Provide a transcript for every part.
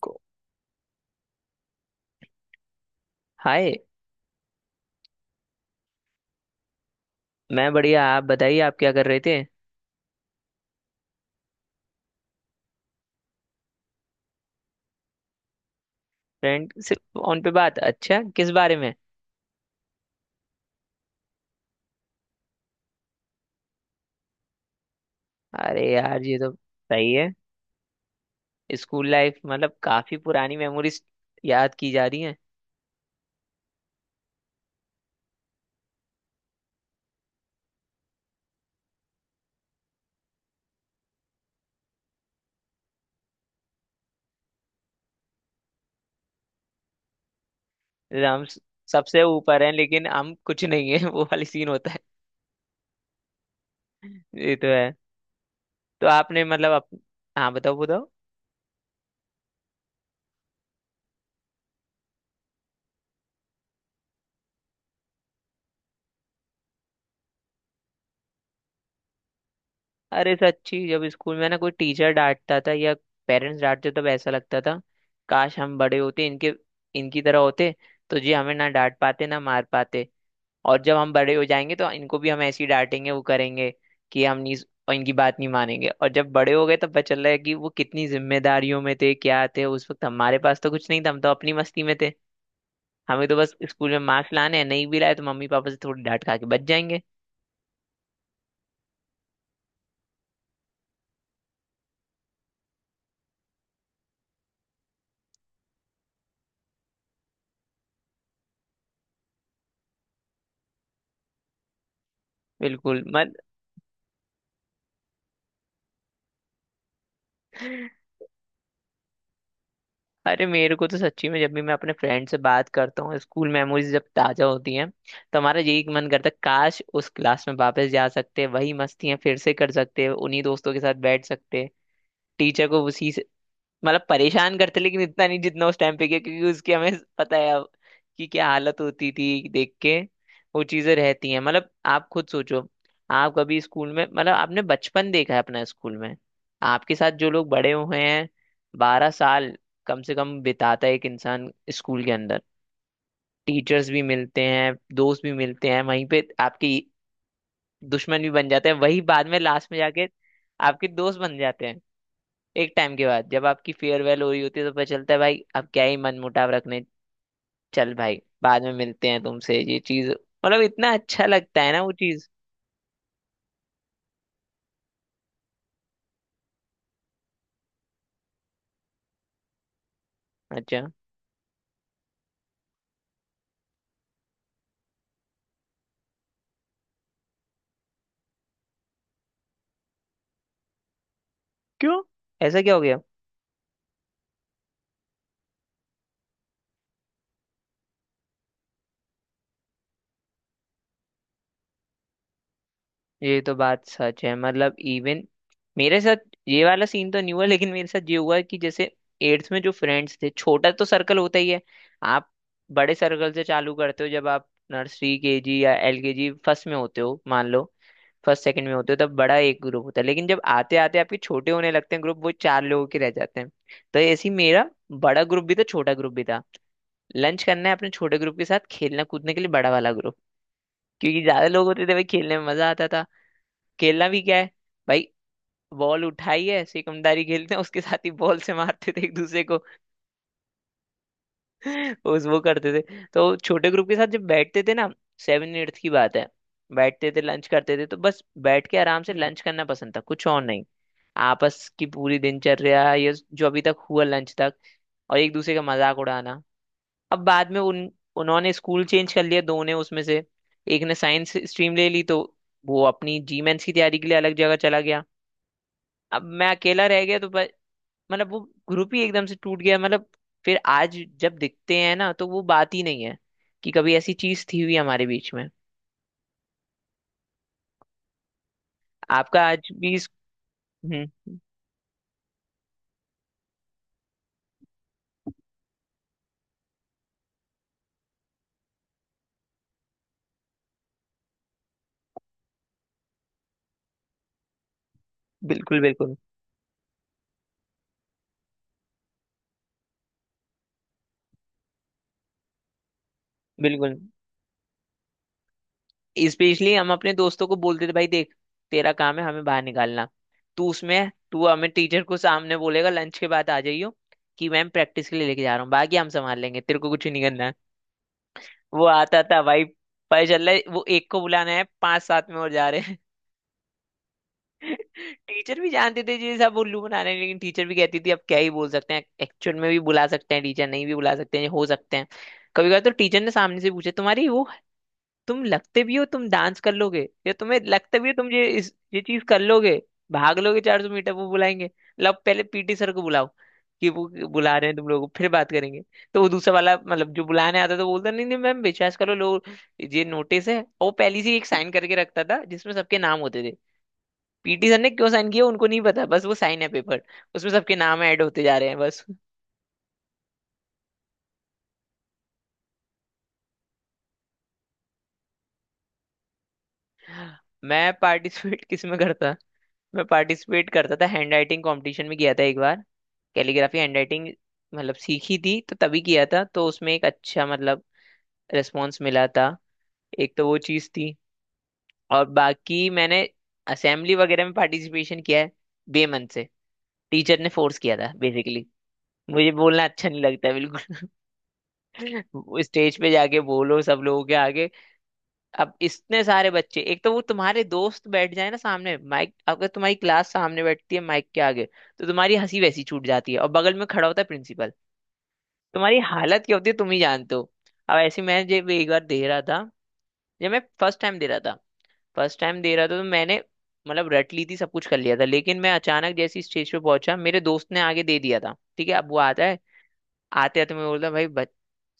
को, हाय। मैं बढ़िया, आप बताइए, आप क्या कर रहे थे? फ्रेंड से फोन पे बात, अच्छा किस बारे में? अरे यार ये तो सही है। स्कूल लाइफ मतलब काफी पुरानी मेमोरीज याद की जा रही हैं। जैसे हम स- सबसे ऊपर हैं लेकिन हम कुछ नहीं है वो वाली सीन होता है। ये तो है। तो आपने मतलब आप हाँ बताओ बताओ। अरे सच्ची, जब स्कूल में ना कोई टीचर डांटता था या पेरेंट्स डांटते तब ऐसा लगता था काश हम बड़े होते, इनके इनकी तरह होते तो ये हमें ना डांट पाते ना मार पाते। और जब हम बड़े हो जाएंगे तो इनको भी हम ऐसे ही डांटेंगे, वो करेंगे कि हम नहीं और इनकी बात नहीं मानेंगे। और जब बड़े हो गए तब पता चल रहा है कि वो कितनी जिम्मेदारियों में थे, क्या थे उस वक्त। हमारे पास तो कुछ नहीं था, हम तो अपनी मस्ती में थे। हमें तो बस स्कूल में मार्क्स लाने हैं, नहीं भी लाए तो मम्मी पापा से थोड़ी डांट खा के बच जाएंगे। बिल्कुल मत अरे मेरे को तो सच्ची में जब भी मैं अपने फ्रेंड से बात करता हूँ, स्कूल मेमोरीज जब ताजा होती हैं तो हमारा यही मन करता है काश उस क्लास में वापस जा सकते, वही मस्तियां फिर से कर सकते, उन्हीं दोस्तों के साथ बैठ सकते, टीचर को उसी से मतलब परेशान करते लेकिन इतना नहीं जितना उस टाइम पे किया, क्योंकि उसकी हमें पता है अब कि क्या हालत होती थी देख के। वो चीजें रहती हैं। मतलब आप खुद सोचो, आप कभी स्कूल में मतलब आपने बचपन देखा है अपना स्कूल में, आपके साथ जो लोग बड़े हुए हैं। 12 साल कम से कम बिताता है एक इंसान स्कूल के अंदर। टीचर्स भी मिलते हैं, दोस्त भी मिलते हैं, वहीं पे आपकी दुश्मन भी बन जाते हैं, वही बाद में लास्ट में जाके आपके दोस्त बन जाते हैं। एक टाइम के बाद जब आपकी फेयरवेल हो रही होती है तो पता चलता है भाई अब क्या ही मनमुटाव रखने, चल भाई बाद में मिलते हैं तुमसे। ये चीज मतलब इतना अच्छा लगता है ना वो चीज। अच्छा, क्यों ऐसा क्या हो गया? ये तो बात सच है। मतलब इवन मेरे साथ ये वाला सीन तो नहीं हुआ, लेकिन मेरे साथ ये हुआ कि जैसे एट्थ में जो फ्रेंड्स थे, छोटा तो सर्कल होता ही है। आप बड़े सर्कल से चालू करते हो जब आप नर्सरी, केजी या एलकेजी, फर्स्ट में होते हो। मान लो फर्स्ट सेकंड में होते हो तब बड़ा एक ग्रुप होता है, लेकिन जब आते आते आपके छोटे होने लगते हैं ग्रुप, वो चार लोगों के रह जाते हैं। तो ऐसे ही मेरा बड़ा ग्रुप भी था, छोटा ग्रुप भी था। लंच करना है अपने छोटे ग्रुप के साथ, खेलना कूदने के लिए बड़ा वाला ग्रुप, क्योंकि ज्यादा लोग होते थे भाई, खेलने में मजा आता था। खेलना भी क्या है भाई, बॉल उठाई है, सिकमदारी खेलते हैं, उसके साथ ही बॉल से मारते थे एक दूसरे को। उस वो करते थे। तो छोटे ग्रुप के साथ जब बैठते थे ना, सेवन एट्थ की बात है, बैठते थे लंच करते थे। तो बस बैठ के आराम से लंच करना पसंद था, कुछ और नहीं। आपस की पूरी दिनचर्या ये जो अभी तक हुआ लंच तक, और एक दूसरे का मजाक उड़ाना। अब बाद में उन उन्होंने स्कूल चेंज कर लिया दो ने उसमें से, एक ने साइंस स्ट्रीम ले ली तो वो अपनी जीमेंस की तैयारी के लिए अलग जगह चला गया। अब मैं अकेला रह गया। तो मतलब वो ग्रुप ही एकदम से टूट गया। मतलब फिर आज जब दिखते हैं ना तो वो बात ही नहीं है कि कभी ऐसी चीज थी हुई हमारे बीच में। आपका आज भी इस... हम्म बिल्कुल बिल्कुल बिल्कुल। स्पेशली हम अपने दोस्तों को बोलते थे भाई देख, तेरा काम है हमें बाहर निकालना। तू हमें टीचर को सामने बोलेगा लंच के बाद आ जाइयो कि मैम प्रैक्टिस के लिए लेके जा रहा हूँ, बाकी हम संभाल लेंगे, तेरे को कुछ नहीं करना है। वो आता था भाई, पता चल रहा है वो एक को बुलाना है, पांच सात में और जा रहे। टीचर भी जानते थे जी सब उल्लू बना रहे हैं, लेकिन टीचर भी कहती थी अब क्या ही बोल सकते हैं, एक्चुअल में भी बुला सकते हैं, टीचर नहीं भी बुला सकते हैं, हो सकते हैं। कभी कभी तो टीचर ने सामने से पूछा तुम्हारी वो, तुम लगते भी हो तुम डांस कर लोगे, या तुम्हें लगता भी हो तुम ये चीज कर लोगे, भाग लोगे 400 मीटर, वो बुलाएंगे। लब पहले पीटी सर को बुलाओ कि वो बुला रहे हैं तुम लोगों को, फिर बात करेंगे। तो वो दूसरा वाला मतलब जो बुलाने आता तो बोलता नहीं नहीं मैम, विश्वास करो लोग, ये नोटिस है, और वो पहले से ही एक साइन करके रखता था जिसमें सबके नाम होते थे। पीटी सर ने क्यों साइन किया उनको नहीं पता, बस वो साइन है पेपर, उसमें सबके नाम ऐड होते जा रहे हैं बस। मैं पार्टिसिपेट किस में करता। मैं पार्टिसिपेट करता था हैंड राइटिंग कॉम्पिटिशन में, किया था एक बार, कैलीग्राफी हैंड राइटिंग मतलब सीखी थी तो तभी किया था। तो उसमें एक अच्छा मतलब रिस्पॉन्स मिला था, एक तो वो चीज़ थी। और बाकी मैंने असेंबली वगैरह में पार्टिसिपेशन किया है बेमन से, टीचर ने फोर्स किया था बेसिकली। मुझे बोलना अच्छा नहीं लगता है बिल्कुल। स्टेज पे जाके बोलो सब लोगों के आगे। अब इतने सारे बच्चे, एक तो वो तुम्हारे दोस्त बैठ जाए ना सामने माइक, अगर तुम्हारी क्लास सामने बैठती है माइक के आगे, तो तुम्हारी हंसी वैसी छूट जाती है। और बगल में खड़ा होता है प्रिंसिपल, तुम्हारी हालत क्या होती है तुम ही जानते हो। अब ऐसे मैं जब एक बार दे रहा था जब मैं फर्स्ट टाइम दे रहा था फर्स्ट टाइम दे रहा था तो मैंने मतलब रट ली थी, सब कुछ कर लिया था। लेकिन मैं अचानक जैसे स्टेज पे पहुंचा मेरे दोस्त ने आगे दे दिया था, ठीक है अब वो आता है। आते आते मैं बोलता भाई बच,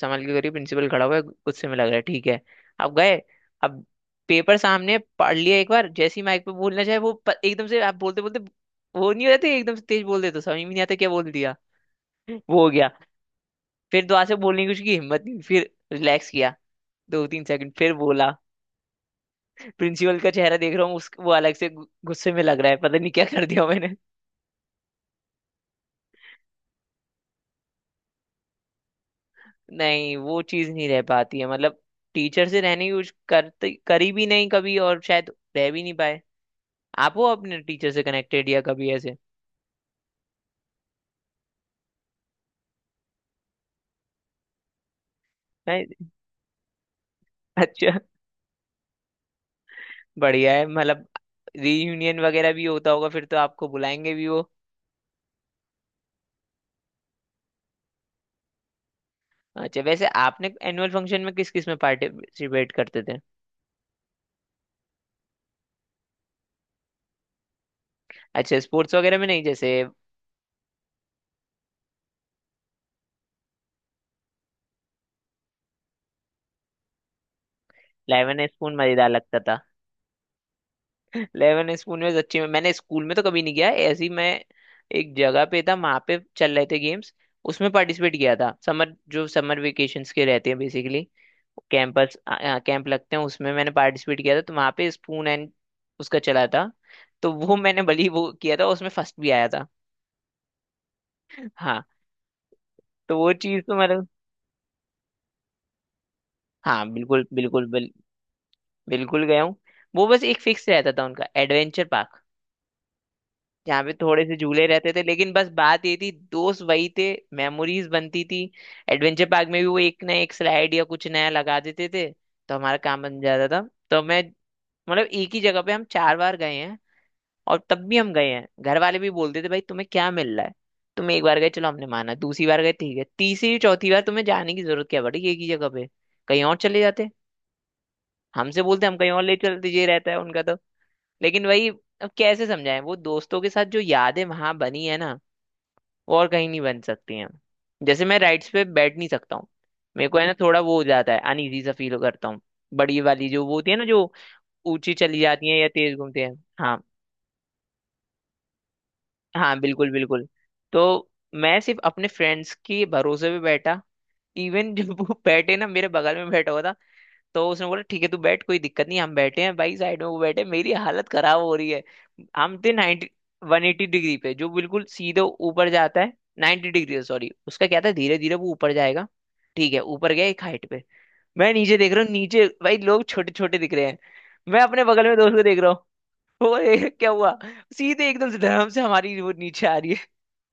संभल के करिए प्रिंसिपल खड़ा हुआ है गुस्से में लग रहा है, ठीक है। अब गए। अब पेपर सामने है, पढ़ लिया एक बार, जैसी माइक पे बोलना चाहे वो एकदम से आप बोलते बोलते वो नहीं हो जाते, एकदम से तेज बोल देते तो समझ में नहीं आता क्या बोल दिया। वो हो गया। फिर दोबारा से बोलने की उसकी हिम्मत नहीं, फिर रिलैक्स किया दो तीन सेकंड, फिर बोला। प्रिंसिपल का चेहरा देख रहा हूँ, उस वो अलग से गुस्से में लग रहा है, पता नहीं क्या कर दिया मैंने। नहीं, वो चीज नहीं रह पाती है मतलब। टीचर से रहने की कुछ करते करी भी नहीं कभी, और शायद रह भी नहीं पाए। आप हो अपने टीचर से कनेक्टेड या कभी ऐसे मैं, अच्छा बढ़िया है मतलब। रीयूनियन वगैरह भी होता होगा फिर तो आपको बुलाएंगे भी वो। अच्छा वैसे आपने एनुअल फंक्शन में किस किस में पार्टिसिपेट करते थे? अच्छा स्पोर्ट्स वगैरह में नहीं जैसे? इलेवन स्पून मजेदार लगता था। इलेवन स्पून में सच्ची में मैंने स्कूल में तो कभी नहीं किया है। ऐसी मैं एक जगह पे था, वहां पे चल रहे थे गेम्स, उसमें पार्टिसिपेट किया था। समर जो समर वेकेशंस के रहते हैं बेसिकली, कैंपस, कैंप लगते हैं उसमें मैंने पार्टिसिपेट किया था। तो वहां पे स्पून एंड उसका चला था, तो वो मैंने भली वो किया था, उसमें फर्स्ट भी आया था। हाँ, तो वो चीज तो मतलब। हाँ बिल्कुल बिल्कुल बिल्कुल गया हूँ। वो बस एक फिक्स रहता था उनका एडवेंचर पार्क, यहाँ पे थोड़े से झूले रहते थे, लेकिन बस बात ये थी दोस्त वही थे, मेमोरीज बनती थी। एडवेंचर पार्क में भी वो एक ना एक स्लाइड या कुछ नया लगा देते थे तो हमारा काम बन जाता था। तो मैं मतलब एक ही जगह पे हम चार बार गए हैं, और तब भी हम गए हैं। घर वाले भी बोलते थे भाई तुम्हें क्या मिल रहा है, तुम एक बार गए चलो हमने माना, दूसरी बार गए ठीक है, तीसरी चौथी बार तुम्हें जाने की जरूरत क्या पड़ी एक ही जगह पे, कहीं और चले जाते। हमसे बोलते हम कहीं और ले चलते, ये रहता है उनका तो। लेकिन वही, अब कैसे समझाएं वो दोस्तों के साथ जो यादें वहां बनी है ना और कहीं नहीं बन सकती हैं। जैसे मैं राइड्स पे बैठ नहीं सकता हूँ, मेरे को है ना थोड़ा वो हो जाता है, अनईजी सा फील करता हूँ। बड़ी वाली जो वो होती है ना जो ऊंची चली जाती है या तेज घूमती है। हाँ, हाँ बिल्कुल बिल्कुल। तो मैं सिर्फ अपने फ्रेंड्स के भरोसे पे बैठा, इवन जब वो बैठे ना मेरे बगल में बैठा हुआ था, तो उसने बोला ठीक है तू बैठ कोई दिक्कत नहीं हम बैठे हैं भाई साइड में। वो बैठे, मेरी हालत खराब हो रही है। हम थे 90 180 डिग्री पे जो बिल्कुल सीधे ऊपर जाता है। 90 डिग्री सॉरी, उसका क्या था धीरे धीरे वो ऊपर जाएगा। ठीक है ऊपर गया एक हाइट पे, मैं नीचे देख रहा हूँ, नीचे भाई लोग छोटे छोटे दिख रहे हैं। मैं अपने बगल में दोस्त को देख रहा हूँ। वो ए, क्या हुआ, सीधे एकदम से धर्म से हमारी वो नीचे आ रही है।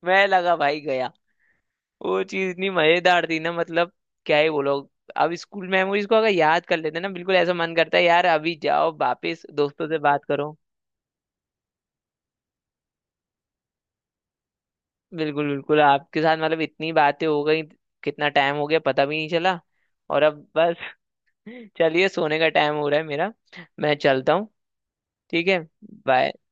मैं लगा भाई गया। वो चीज इतनी मजेदार थी ना मतलब, क्या ही बोलो। अब स्कूल मेमोरीज को अगर याद कर लेते ना बिल्कुल ऐसा मन करता है यार अभी जाओ वापस दोस्तों से बात करो। बिल्कुल बिल्कुल, आपके साथ मतलब इतनी बातें हो गई, कितना टाइम हो गया पता भी नहीं चला। और अब बस चलिए सोने का टाइम हो रहा है मेरा। मैं चलता हूँ। ठीक है बाय।